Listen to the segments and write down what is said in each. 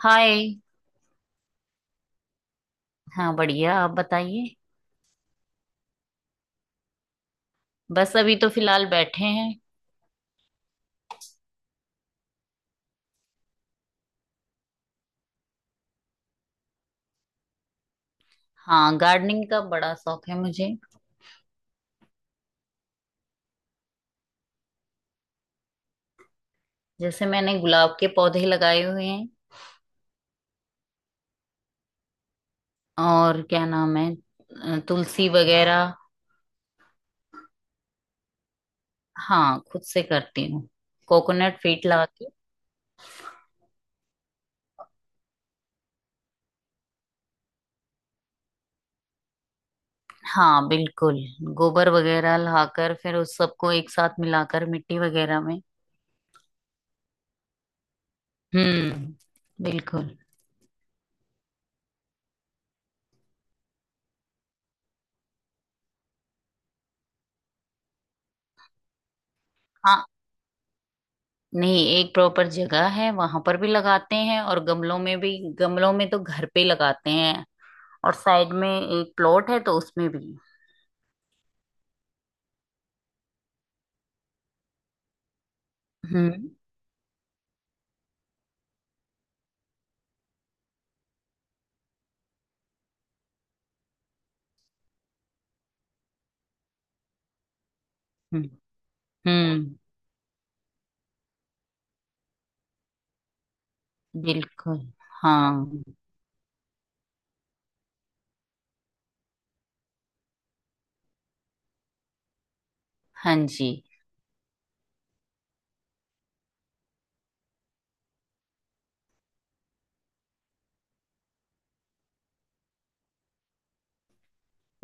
हाय। हाँ बढ़िया, आप बताइए। बस अभी तो फिलहाल बैठे हैं। हाँ, गार्डनिंग का बड़ा शौक है मुझे। जैसे मैंने गुलाब के पौधे लगाए हुए हैं। और क्या नाम है तुलसी वगैरह। हाँ, खुद से करती हूँ। कोकोनट फीट लगा के। हाँ बिल्कुल। गोबर वगैरह लाकर फिर उस सबको एक साथ मिलाकर मिट्टी वगैरह में। हम्म, बिल्कुल। हाँ। नहीं, एक प्रॉपर जगह है, वहां पर भी लगाते हैं और गमलों में भी। गमलों में तो घर पे लगाते हैं और साइड में एक प्लॉट है तो उसमें भी। हम्म। हम्म। हम्म, बिल्कुल। हाँ। हाँ जी।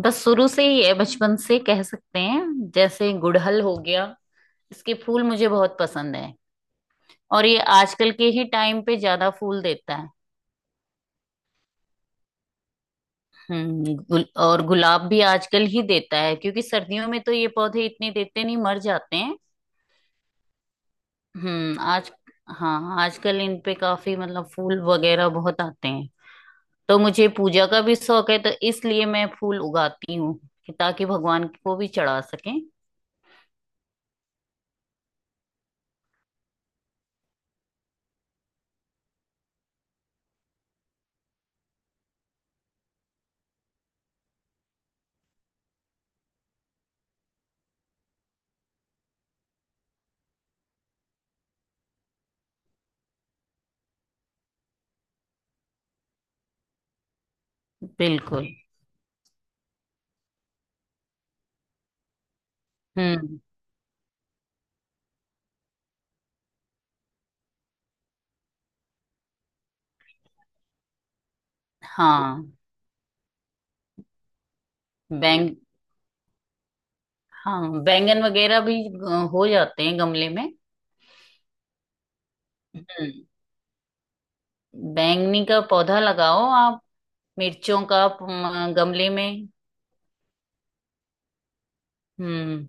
बस शुरू से ही है, बचपन से कह सकते हैं। जैसे गुड़हल हो गया, इसके फूल मुझे बहुत पसंद है। और ये आजकल के ही टाइम पे ज्यादा फूल देता है। और गुलाब भी आजकल ही देता है, क्योंकि सर्दियों में तो ये पौधे इतने देते नहीं, मर जाते हैं। आज हाँ, आजकल इन पे काफी मतलब फूल वगैरह बहुत आते हैं। तो मुझे पूजा का भी शौक है, तो इसलिए मैं फूल उगाती हूँ कि ताकि भगवान को भी चढ़ा सकें। बिल्कुल। हम्म। हाँ बैंग हाँ, बैंगन वगैरह भी हो जाते हैं गमले में। हम्म। बैंगनी का पौधा लगाओ आप। मिर्चों का आप गमले में। हम्म।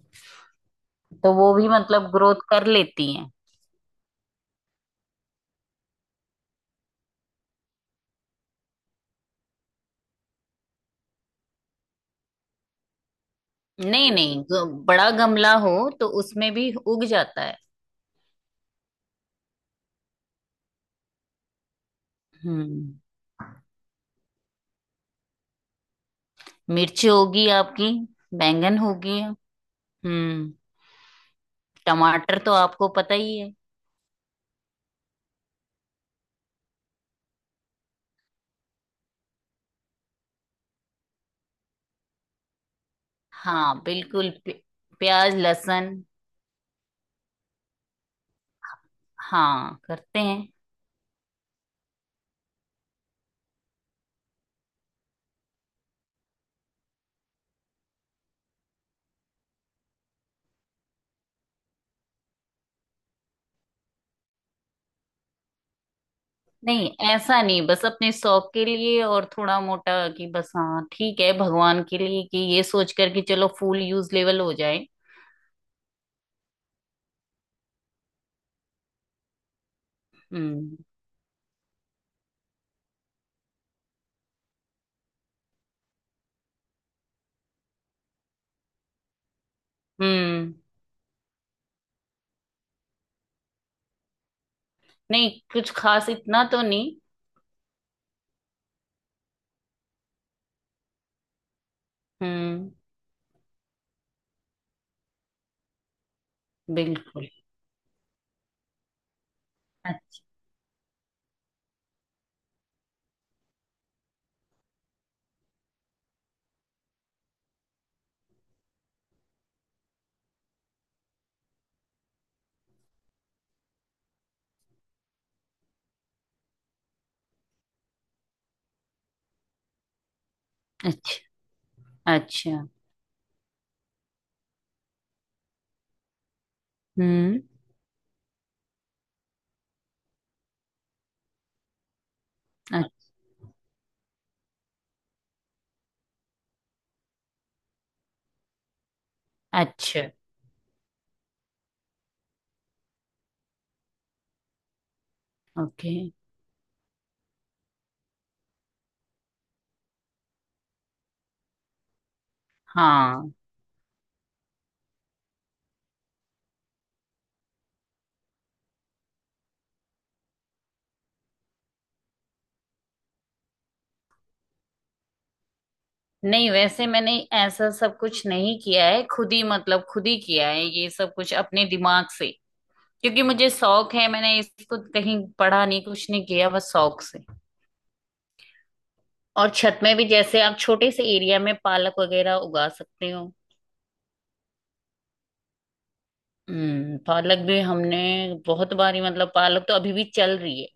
तो वो भी मतलब ग्रोथ कर लेती हैं। नहीं नहीं बड़ा गमला हो तो उसमें भी उग जाता है। हम्म। मिर्च होगी आपकी, बैंगन होगी। हम्म। टमाटर तो आपको पता ही है। हाँ बिल्कुल प्य- प्याज लहसुन। हाँ, करते हैं। नहीं ऐसा नहीं, बस अपने शौक के लिए, और थोड़ा मोटा कि बस, हाँ ठीक है, भगवान के लिए कि ये सोच कर कि चलो फूल यूज लेवल हो जाए। हम्म। हम्म। नहीं, कुछ खास इतना तो नहीं। हम्म। बिल्कुल। अच्छा, अच्छा, अच्छा। हम्म। अ- अच्छा। ओके। हाँ। नहीं, वैसे मैंने ऐसा सब कुछ नहीं किया है, खुद ही मतलब खुद ही किया है ये सब कुछ अपने दिमाग से। क्योंकि मुझे शौक है, मैंने इसको कहीं पढ़ा नहीं, कुछ नहीं किया, बस शौक से। और छत में भी जैसे आप छोटे से एरिया में पालक वगैरह उगा सकते हो। हम्म, पालक भी हमने बहुत बारी मतलब पालक तो अभी भी चल रही है।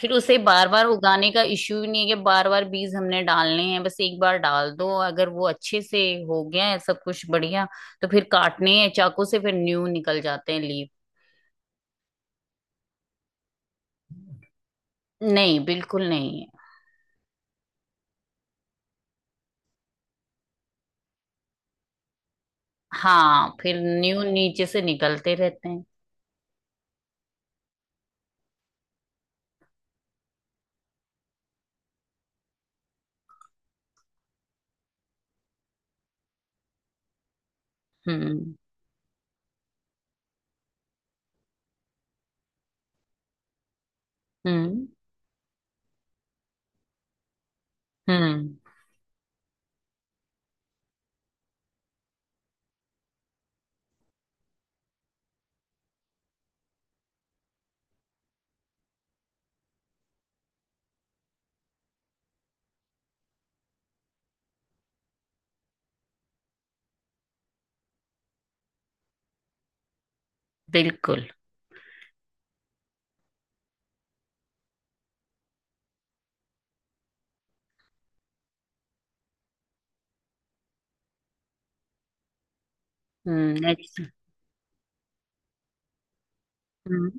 फिर उसे बार बार उगाने का इश्यू ही नहीं है कि बार बार बीज हमने डालने हैं, बस एक बार डाल दो, अगर वो अच्छे से हो गया है सब कुछ बढ़िया तो फिर काटने हैं चाकू से, फिर न्यू निकल जाते हैं लीव। नहीं, बिल्कुल नहीं है। हाँ, फिर न्यू नीचे से निकलते रहते हैं। हम्म। हम्म। हम्म, बिल्कुल। हम्म। अच्छा। हम्म।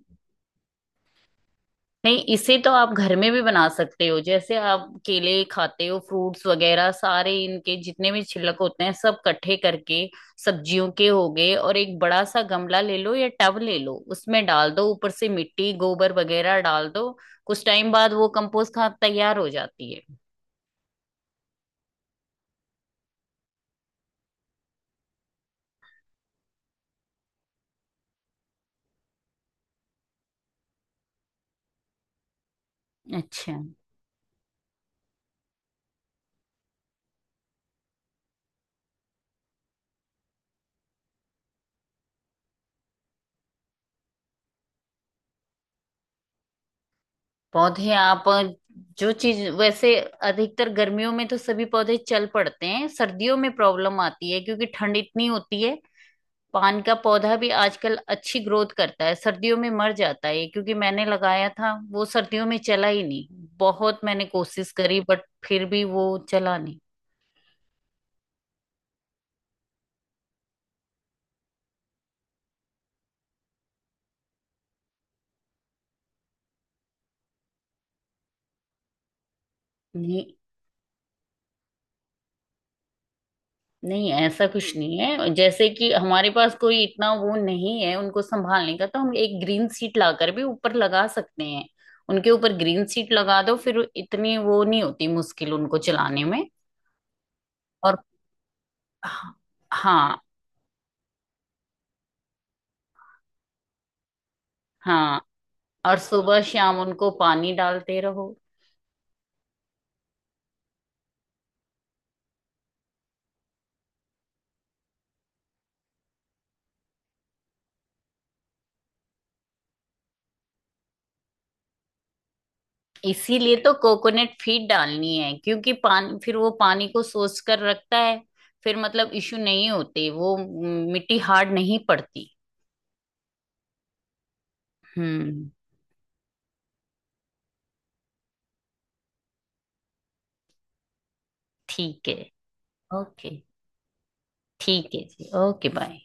नहीं, इसे तो आप घर में भी बना सकते हो। जैसे आप केले खाते हो, फ्रूट्स वगैरह, सारे इनके जितने भी छिलक होते हैं सब इकट्ठे करके, सब्जियों के हो गए, और एक बड़ा सा गमला ले लो या टब ले लो, उसमें डाल दो, ऊपर से मिट्टी गोबर वगैरह डाल दो। कुछ टाइम बाद वो कंपोस्ट खाद तैयार हो जाती है। अच्छा। पौधे आप जो चीज वैसे अधिकतर गर्मियों में तो सभी पौधे चल पड़ते हैं, सर्दियों में प्रॉब्लम आती है क्योंकि ठंड इतनी होती है। पान का पौधा भी आजकल अच्छी ग्रोथ करता है, सर्दियों में मर जाता है ये, क्योंकि मैंने लगाया था, वो सर्दियों में चला ही नहीं। बहुत मैंने कोशिश करी बट फिर भी वो चला नहीं। नहीं नहीं, ऐसा कुछ नहीं है, जैसे कि हमारे पास कोई इतना वो नहीं है उनको संभालने का, तो हम एक ग्रीन सीट लाकर भी ऊपर लगा सकते हैं। उनके ऊपर ग्रीन सीट लगा दो, फिर इतनी वो नहीं होती मुश्किल उनको चलाने में। और हाँ। हाँ। हाँ। और सुबह शाम उनको पानी डालते रहो। इसीलिए तो कोकोनट फीड डालनी है, क्योंकि पान फिर वो पानी को सोख कर रखता है। फिर मतलब इशू नहीं होते वो, मिट्टी हार्ड नहीं पड़ती। हम्म। ठीक है। ओके। ठीक है जी, ओके, बाय।